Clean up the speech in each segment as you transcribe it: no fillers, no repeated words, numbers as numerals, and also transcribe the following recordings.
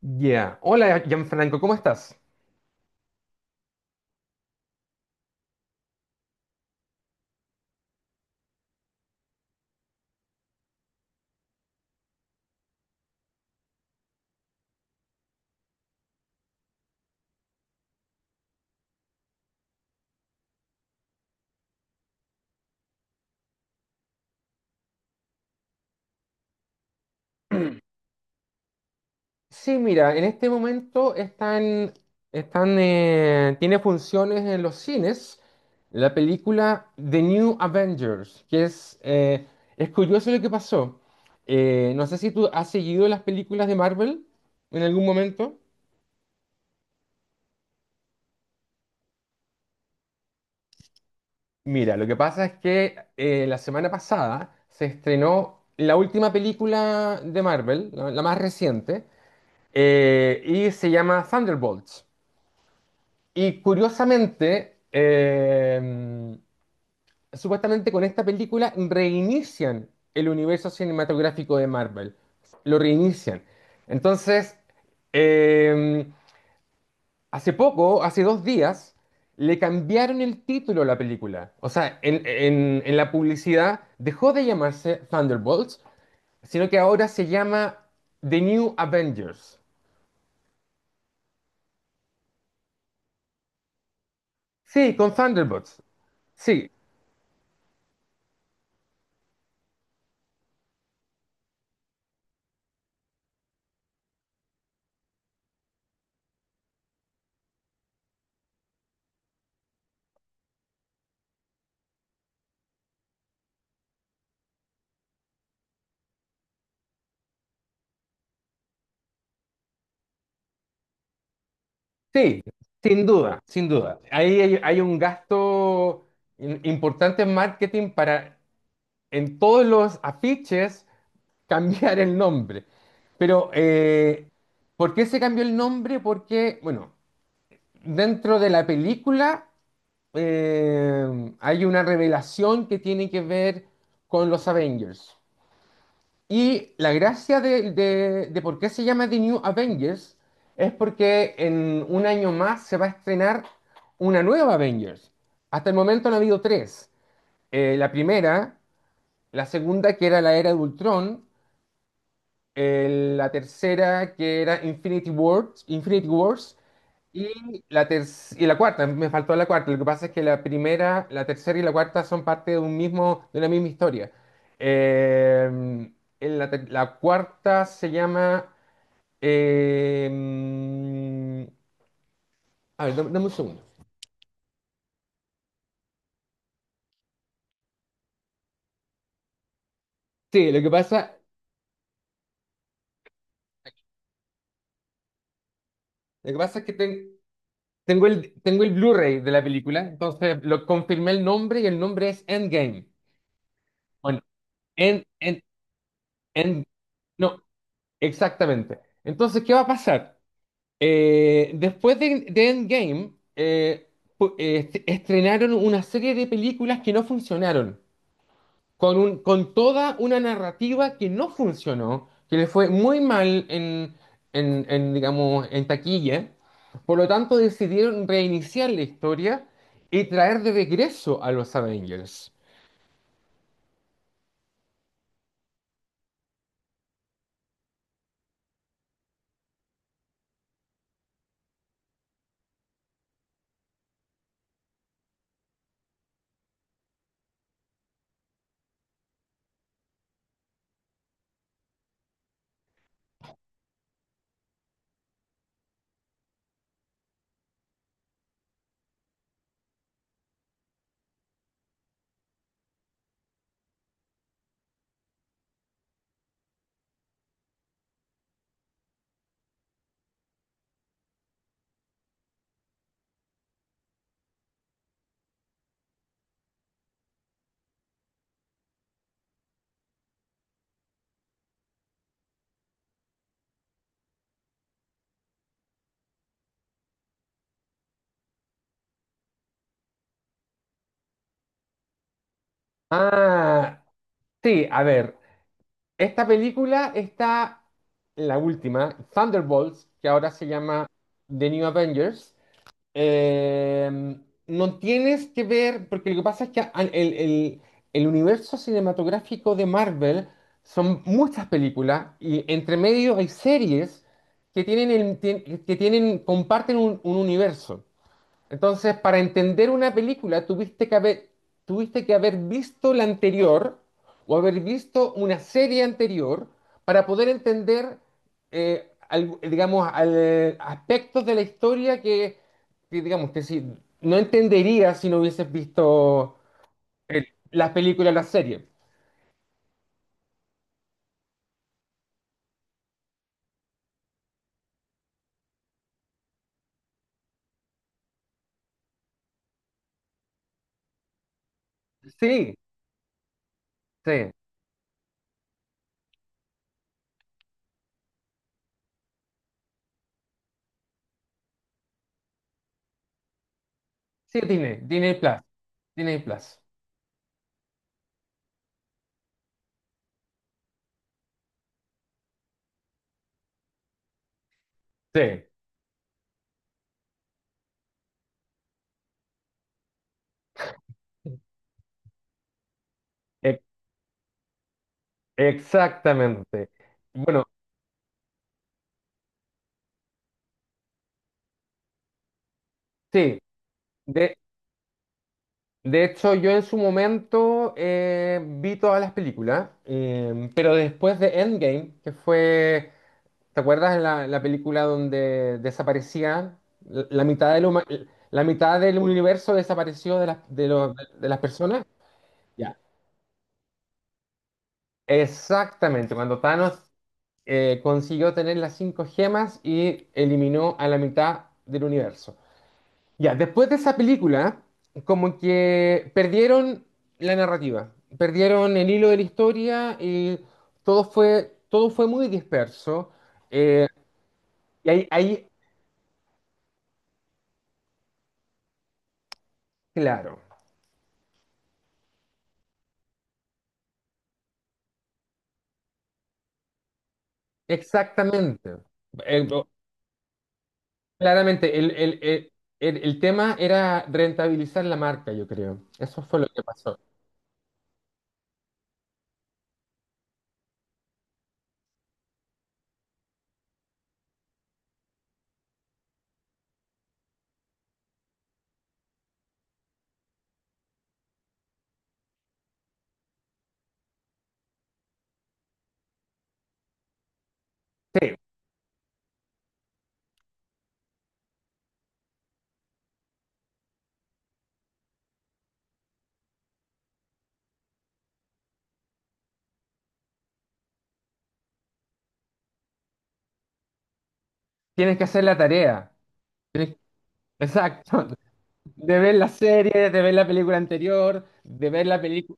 Ya. Hola, Gianfranco, ¿cómo estás? Sí, mira, en este momento tiene funciones en los cines la película The New Avengers, es curioso lo que pasó. No sé si tú has seguido las películas de Marvel en algún momento. Mira, lo que pasa es que la semana pasada se estrenó la última película de Marvel, la más reciente, y se llama Thunderbolts. Y curiosamente, supuestamente con esta película reinician el universo cinematográfico de Marvel. Lo reinician. Entonces, eh, hace poco, hace 2 días, le cambiaron el título a la película. O sea, en la publicidad dejó de llamarse Thunderbolts, sino que ahora se llama The New Avengers. Sí, con Thunderbolts. Sí, sí, sin duda, sin duda. Ahí hay un gasto importante en marketing para en todos los afiches cambiar el nombre. Pero, ¿por qué se cambió el nombre? Porque, bueno, dentro de la película eh, hay una revelación que tiene que ver con los Avengers. Y la gracia de por qué se llama The New Avengers es porque en un año más se va a estrenar una nueva Avengers. Hasta el momento han habido tres. La primera, la segunda que era la era de Ultron, la tercera que era Infinity Wars, y la, ter- y la cuarta, me faltó la cuarta. Lo que pasa es que la primera, la tercera y la cuarta son parte de un mismo, de una misma historia. Eh, en la cuarta se llama, eh, a ver, dame un segundo. Sí, lo que pasa es que tengo el Blu-ray de la película, entonces lo confirmé el nombre y el nombre es Endgame. Bueno, End, End- En- No, exactamente. Entonces, ¿qué va a pasar? Después de Endgame, estrenaron una serie de películas que no funcionaron, con toda una narrativa que no funcionó, que le fue muy mal en, digamos, en taquilla. Por lo tanto, decidieron reiniciar la historia y traer de regreso a los Avengers. Ah, sí, a ver. Esta película la última, Thunderbolts, que ahora se llama The New Avengers, eh, no tienes que ver, porque lo que pasa es que el universo cinematográfico de Marvel son muchas películas y entre medio hay series que tienen, comparten un universo. Entonces, para entender una película, tuviste que haber visto la anterior o haber visto una serie anterior para poder entender, digamos, aspectos de la historia que, digamos, que si, no entenderías si no hubieses visto eh, las películas, las series. Sí, sí, sí, Disney Plus. Sí, exactamente. Bueno, sí. De, De hecho, yo en su momento vi todas las películas, pero después de Endgame, que fue, ¿te acuerdas la película donde desaparecía la mitad de la mitad del universo desapareció de las personas? Ya. Exactamente, cuando Thanos consiguió tener las cinco gemas y eliminó a la mitad del universo. Ya, después de esa película, como que perdieron la narrativa, perdieron el hilo de la historia y todo fue muy disperso. Eh, y ahí, claro, exactamente. Eh, o- Claramente, el tema era rentabilizar la marca, yo creo. Eso fue lo que pasó. Tienes que hacer la tarea. Tienes- Exacto. De ver la serie, de ver la película anterior, de ver la película.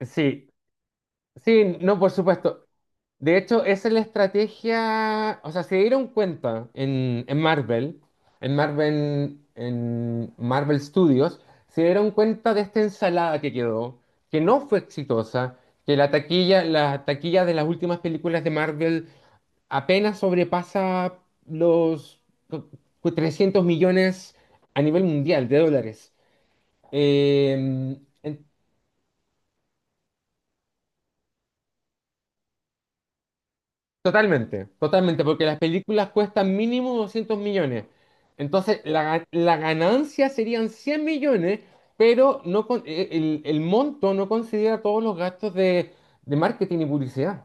Sí. Sí, no, por supuesto. De hecho, esa es la estrategia, o sea, se dieron cuenta en Marvel Studios, se dieron cuenta de esta ensalada que quedó, que no fue exitosa, que la taquilla de las últimas películas de Marvel apenas sobrepasa los 300 millones a nivel mundial de dólares. Eh, Totalmente, totalmente, porque las películas cuestan mínimo 200 millones. Entonces, la ganancia serían 100 millones, pero no con- el monto no considera todos los gastos de marketing y publicidad.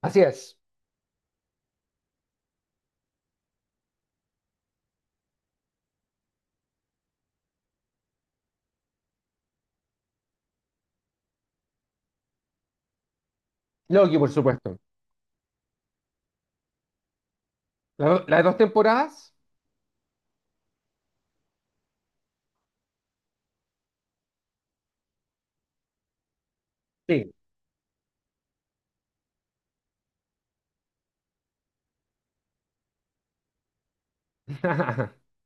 Así es. Loki, por supuesto. ¿Las dos temporadas? Sí.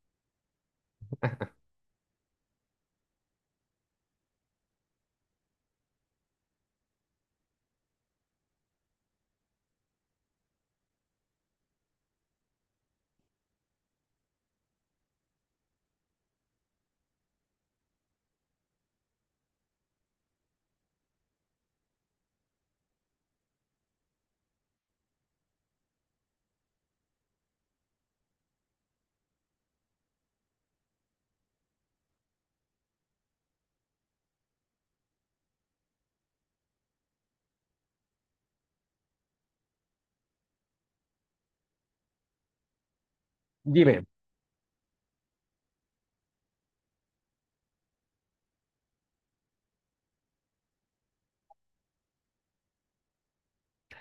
Dime.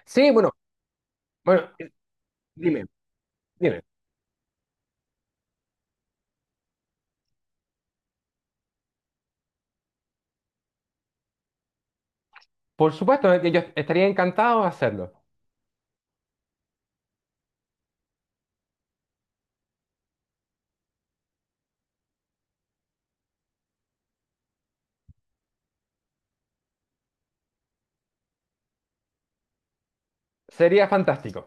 Sí, bueno, bueno, dime, dime. Por supuesto, yo estaría encantado de hacerlo. Sería fantástico.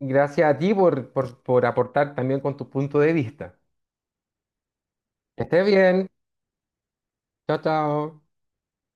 Gracias a ti por aportar también con tu punto de vista. Que esté bien. Chao, chao.